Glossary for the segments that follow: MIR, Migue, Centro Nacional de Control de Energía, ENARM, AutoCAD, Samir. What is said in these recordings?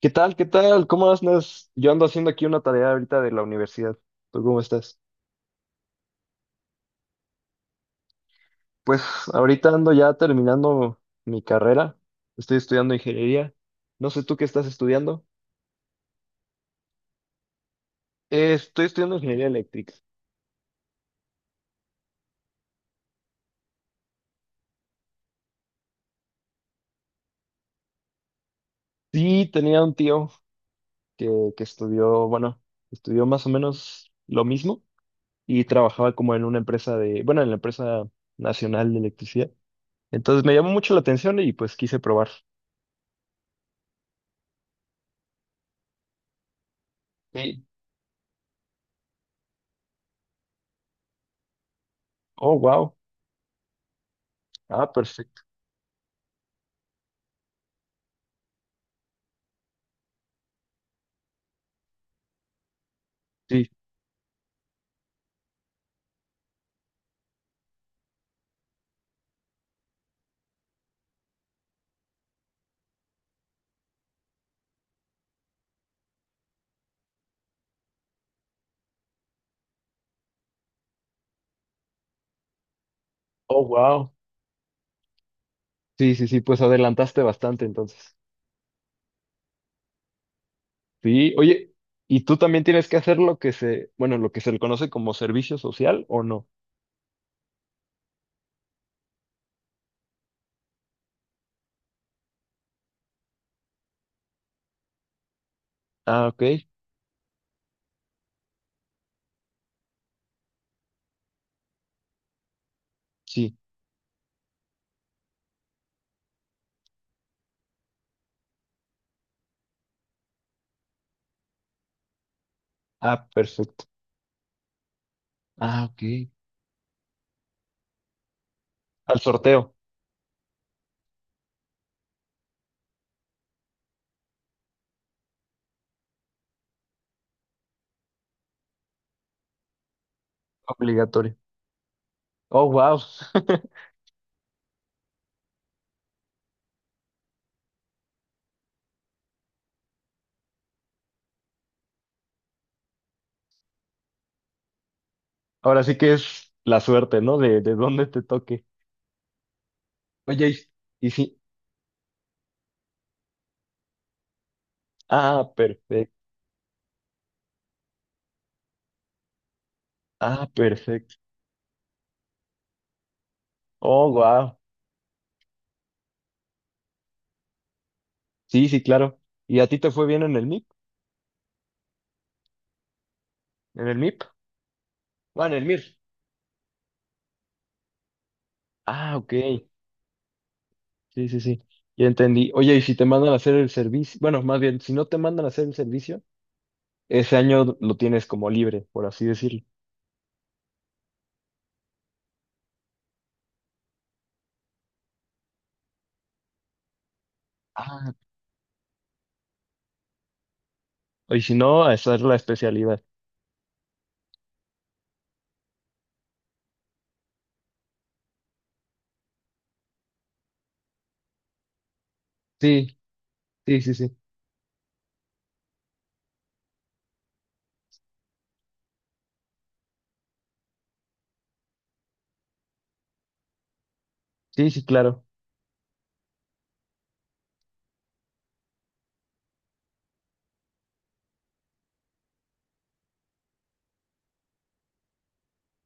¿Qué tal? ¿Qué tal? ¿Cómo andas? Yo ando haciendo aquí una tarea ahorita de la universidad. ¿Tú cómo estás? Pues ahorita ando ya terminando mi carrera. Estoy estudiando ingeniería. No sé tú qué estás estudiando. Estoy estudiando ingeniería eléctrica. Sí, tenía un tío que, que estudió, bueno, estudió más o menos lo mismo y trabajaba como en una empresa de, bueno, en la empresa nacional de electricidad. Entonces me llamó mucho la atención y pues quise probar. Sí. Oh, wow. Ah, perfecto. Sí. Oh, wow. Sí, sí, sí, pues adelantaste bastante entonces. Sí, oye, ¿y tú también tienes que hacer lo que se le conoce como servicio social o no? Ah, ok, sí. Ah, perfecto. Ah, ok. Al sorteo, obligatorio. Oh, wow. Ahora sí que es la suerte, ¿no? De dónde te toque. Oye, y sí. Ah, perfecto. Ah, perfecto. Oh, wow. Sí, sí, claro. ¿Y a ti te fue bien en el MIP? ¿En el MIP? Ah, en el MIR. Ah, ok. Sí, sí, sí. Ya entendí. Oye, y si te mandan a hacer el servicio, bueno, más bien, si no te mandan a hacer el servicio, ese año lo tienes como libre, por así decirlo. Ah, y si no, a esa es la especialidad. Sí, sí, sí, sí. Sí, sí, claro.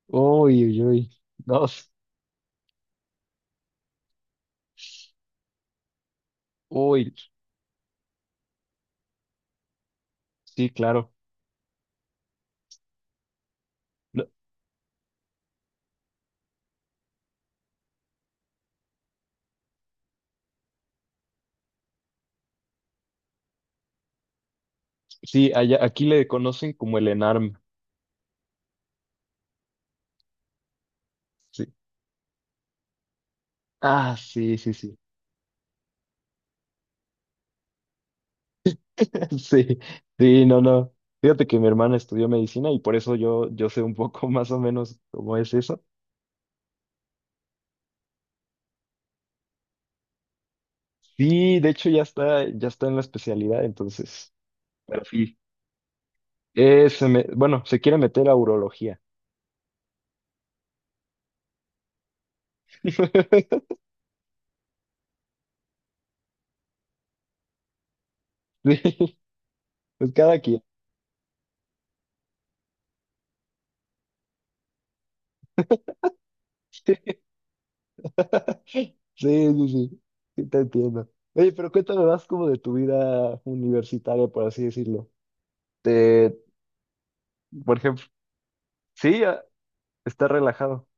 Uy, uy, uy. Dos. Uy, sí, claro. No, sí, allá, aquí le conocen como el ENARM. Sí. Ah, sí, sí, sí. Sí, sí, no, no. Fíjate que mi hermana estudió medicina y por eso yo sé un poco más o menos cómo es eso. Sí, de hecho ya está en la especialidad, entonces. Pero sí. Se quiere meter a urología. Sí, pues cada quien. Sí, sí, sí, sí sí, te entiendo. Oye, pero cuéntame más como de tu vida universitaria, por así decirlo. Te, por ejemplo, sí, ah, está relajado,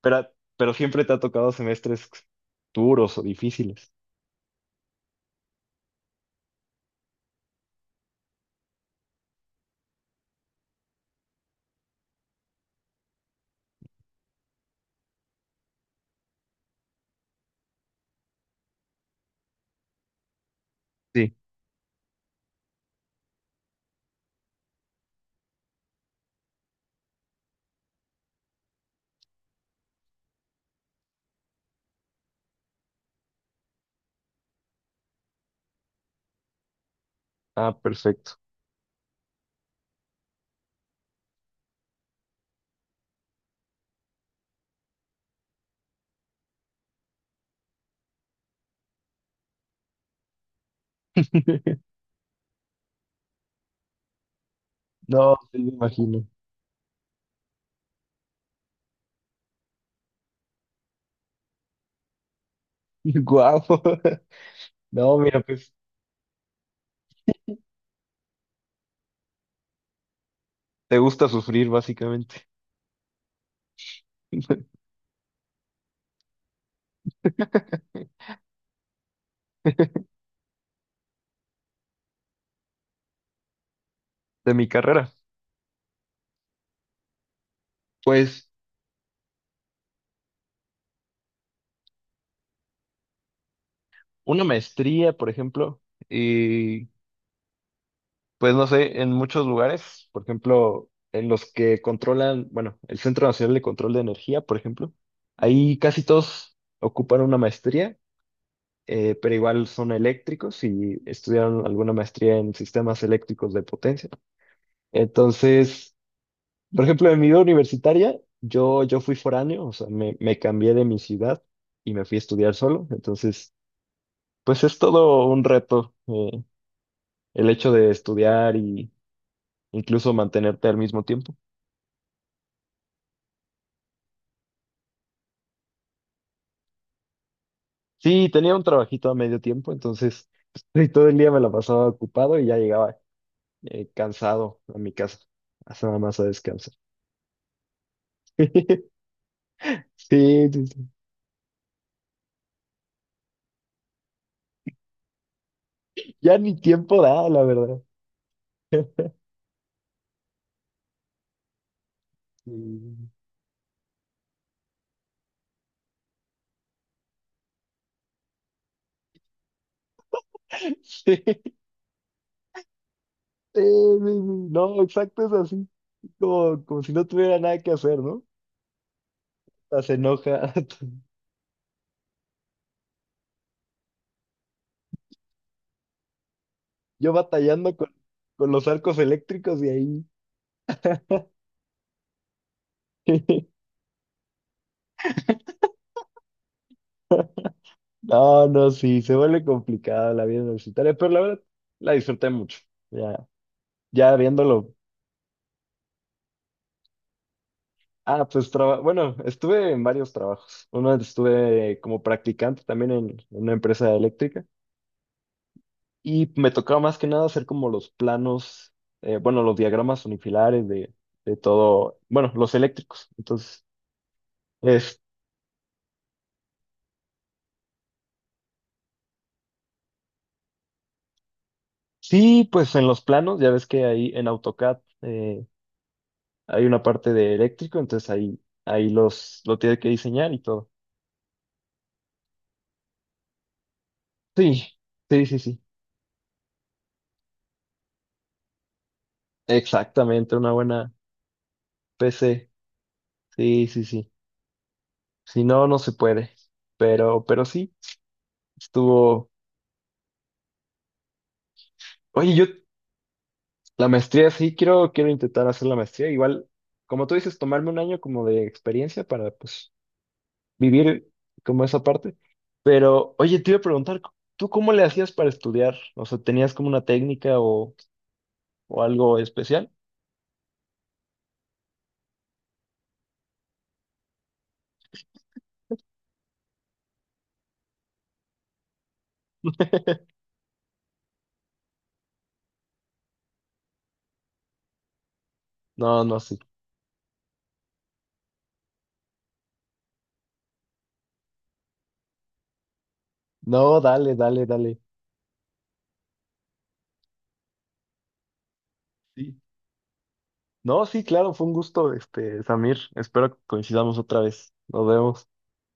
pero, pero siempre te ha tocado semestres duros o difíciles. Sí. Ah, perfecto. No, sí, me imagino. Guau. No, mira, pues. Te gusta sufrir, básicamente, de mi carrera. Pues una maestría, por ejemplo, y pues no sé, en muchos lugares, por ejemplo, en los que controlan, bueno, el Centro Nacional de Control de Energía, por ejemplo, ahí casi todos ocupan una maestría, pero igual son eléctricos y estudiaron alguna maestría en sistemas eléctricos de potencia. Entonces... Por ejemplo, en mi vida universitaria, yo fui foráneo, o sea, me cambié de mi ciudad y me fui a estudiar solo. Entonces, pues es todo un reto, el hecho de estudiar y incluso mantenerte al mismo tiempo. Sí, tenía un trabajito a medio tiempo, entonces pues, todo el día me la pasaba ocupado y ya llegaba cansado a mi casa, hasta nada más a descansar. Sí, sí, sí. Ya ni tiempo da, la verdad. Sí. Eh, no, exacto, es así. Como, como si no tuviera nada que hacer, ¿no? Hasta se enoja. Yo batallando con los arcos eléctricos y ahí. No, no, sí, se vuelve complicada la vida universitaria, pero la verdad la disfruté mucho. Ya, ya viéndolo. Ah, bueno, estuve en varios trabajos. Uno estuve como practicante también en una empresa eléctrica. Y me tocaba más que nada hacer como los planos, bueno, los diagramas unifilares de todo, bueno, los eléctricos. Entonces, es, sí, pues en los planos, ya ves que ahí en AutoCAD hay una parte de eléctrico, entonces ahí, ahí los, lo tiene que diseñar y todo. Sí, sí, sí, sí. Exactamente, una buena PC. Sí, sí, sí. Si no, no se puede. Pero sí, estuvo. Oye, yo la maestría, sí, quiero, quiero intentar hacer la maestría. Igual, como tú dices, tomarme un año como de experiencia para, pues, vivir como esa parte. Pero, oye, te iba a preguntar, ¿tú cómo le hacías para estudiar? O sea, ¿tenías como una técnica o algo especial? No, no, sí. No, dale, dale, dale. Sí. No, sí, claro, fue un gusto, este, Samir. Espero que coincidamos otra vez. Nos vemos.